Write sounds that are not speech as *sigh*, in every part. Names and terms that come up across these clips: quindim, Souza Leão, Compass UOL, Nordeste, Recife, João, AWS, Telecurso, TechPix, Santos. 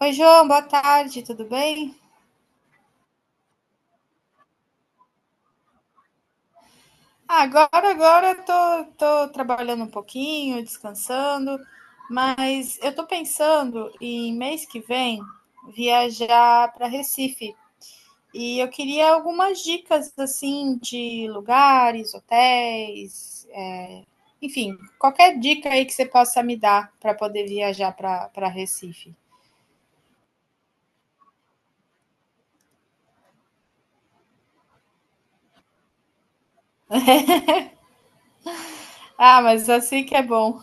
Oi, João, boa tarde, tudo bem? Ah, agora eu tô trabalhando um pouquinho, descansando, mas eu tô pensando em mês que vem viajar para Recife e eu queria algumas dicas assim de lugares, hotéis, enfim, qualquer dica aí que você possa me dar para poder viajar para Recife. Ah, mas assim que é bom.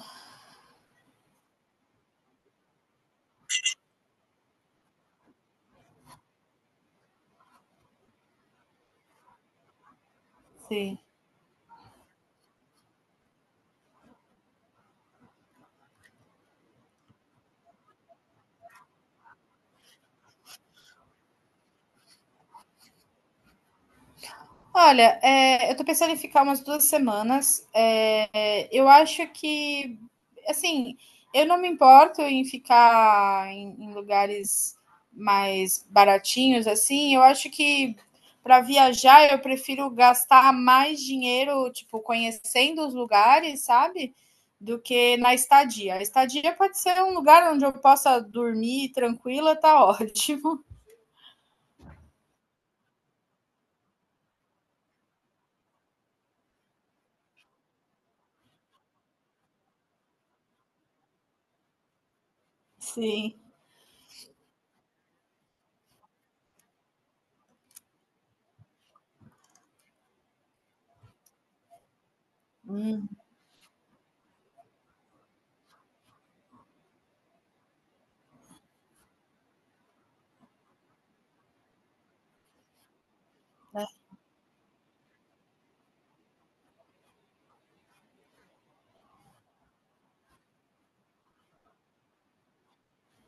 Sim. Olha, eu tô pensando em ficar umas 2 semanas. É, eu acho que, assim, eu não me importo em ficar em lugares mais baratinhos, assim. Eu acho que para viajar eu prefiro gastar mais dinheiro, tipo, conhecendo os lugares, sabe? Do que na estadia. A estadia pode ser um lugar onde eu possa dormir tranquila, tá *laughs* ótimo. Sim. Hum.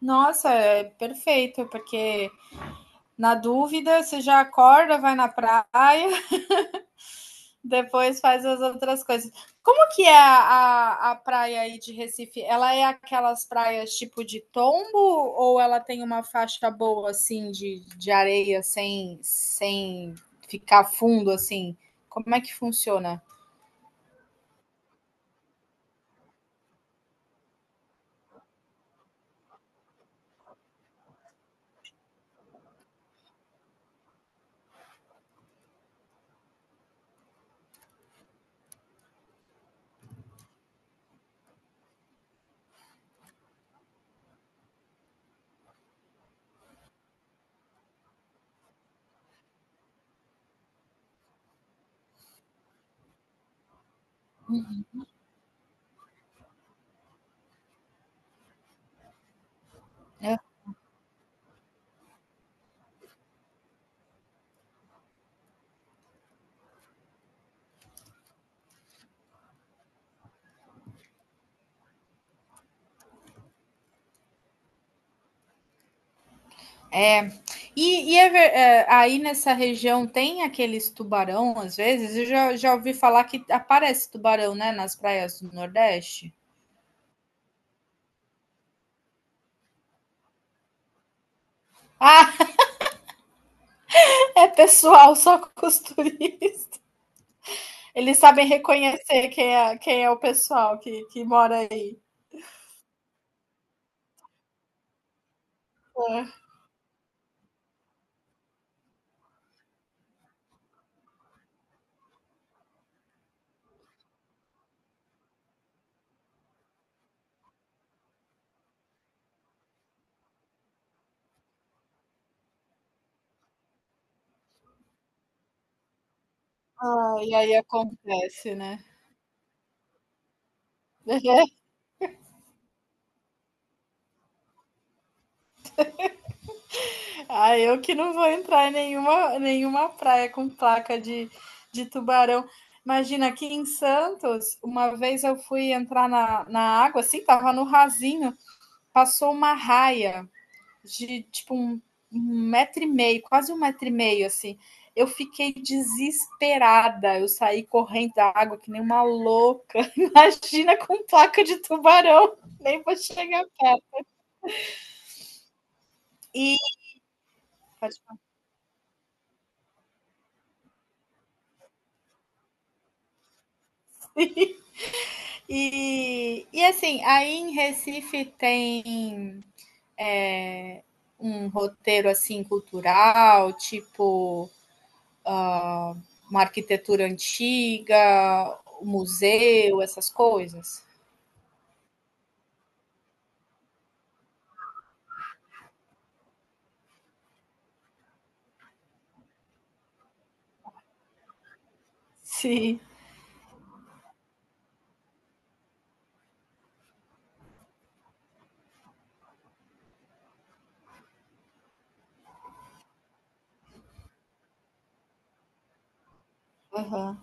Nossa, é perfeito, porque na dúvida, você já acorda, vai na praia, *laughs* depois faz as outras coisas. Como que é a praia aí de Recife? Ela é aquelas praias tipo de tombo ou ela tem uma faixa boa assim de areia sem ficar fundo assim? Como é que funciona? É, aí nessa região tem aqueles tubarão, às vezes, eu já ouvi falar que aparece tubarão, né, nas praias do Nordeste. Ah, é pessoal, só *laughs* costureira. Eles sabem reconhecer quem é o pessoal que mora aí. É. Ah, e aí acontece, né? *laughs* Ah, eu que não vou entrar em nenhuma praia com placa de tubarão. Imagina, aqui em Santos, uma vez eu fui entrar na água, assim, tava no rasinho, passou uma raia de tipo um metro e meio, quase um metro e meio, assim. Eu fiquei desesperada. Eu saí correndo da água que nem uma louca. *laughs* Imagina com placa de tubarão. Nem vou chegar perto. E, e assim, aí em Recife tem um roteiro assim cultural, tipo uma arquitetura antiga, um museu, essas coisas. Sim. Uhum.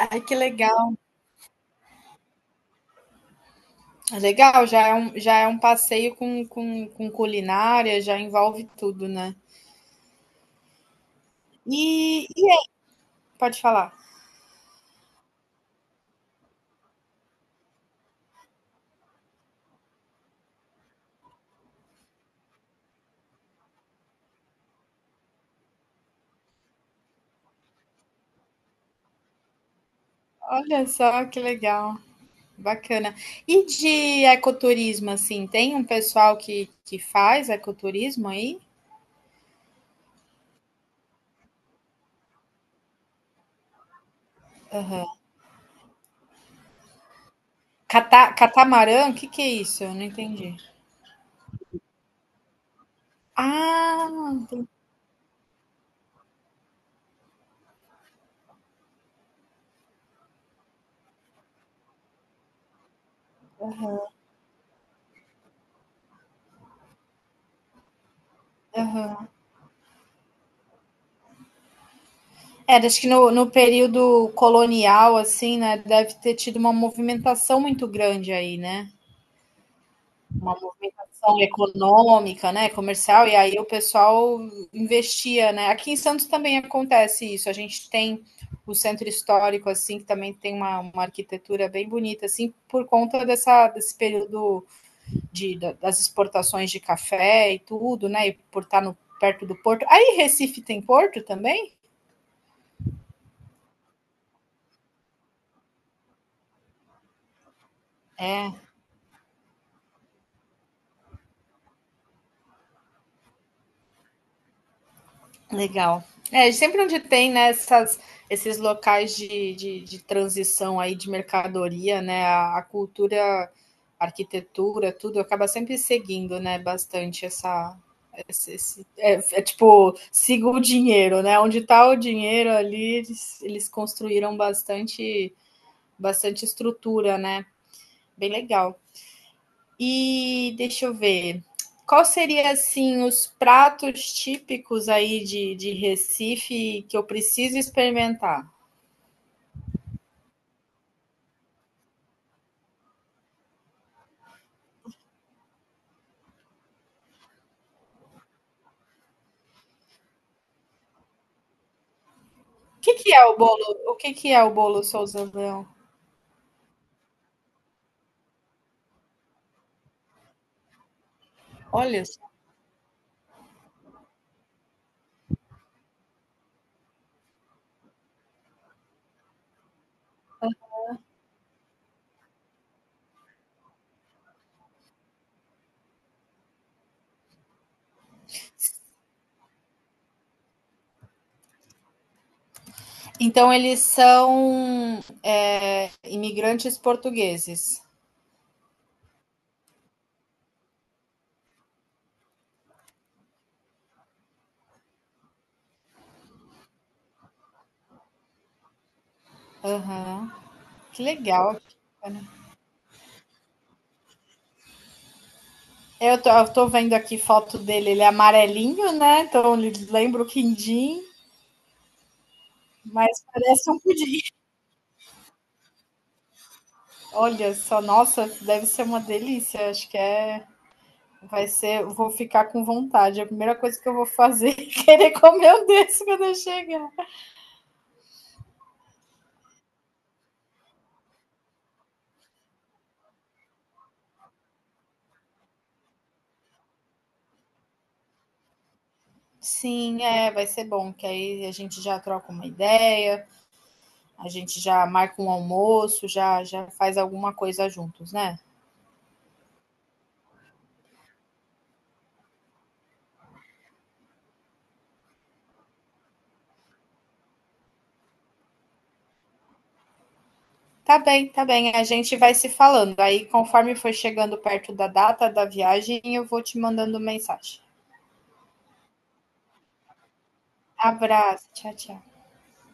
Ai, que legal. É legal, já é um passeio com culinária, já envolve tudo, né? E, e- pode falar. Olha só que legal, bacana. E de ecoturismo, assim, tem um pessoal que faz ecoturismo aí? Aham. Catamarã, o que que é isso? Eu não entendi. Ah, entendi. Aham. É, acho que no período colonial, assim, né, deve ter tido uma movimentação muito grande aí, né? Uma movimentação econômica, né, comercial, e aí o pessoal investia, né? Aqui em Santos também acontece isso. A gente tem o centro histórico, assim, que também tem uma arquitetura bem bonita, assim, por conta dessa, desse período de, das exportações de café e tudo, né? E por estar no, perto do porto. Aí Recife tem porto também? É. Legal. É, sempre onde tem, né, essas, esses locais de transição aí de mercadoria, né, a cultura, a arquitetura, tudo, acaba sempre seguindo, né, bastante essa... Esse, esse- é, é tipo, siga o dinheiro, né, onde está o dinheiro ali, eles construíram bastante, bastante estrutura, né, bem legal. E deixa eu ver. Qual seria assim os pratos típicos aí de Recife que eu preciso experimentar? O que que é o bolo? O que que é o bolo Souza Leão? Olha só. Então eles são imigrantes portugueses. Aham, que legal. Eu tô vendo aqui foto dele, ele é amarelinho, né? Então ele lembra o quindim, mas parece um pudim. Olha só, nossa, deve ser uma delícia. Acho que é Vai ser, vou ficar com vontade. É a primeira coisa que eu vou fazer *laughs* é querer comer um desse quando eu chegar. Sim, vai ser bom, que aí a gente já troca uma ideia, a gente já marca um almoço, já faz alguma coisa juntos, né? Tá bem, tá bem. A gente vai se falando. Aí, conforme for chegando perto da data da viagem, eu vou te mandando mensagem. Abraço, tchau, tchau.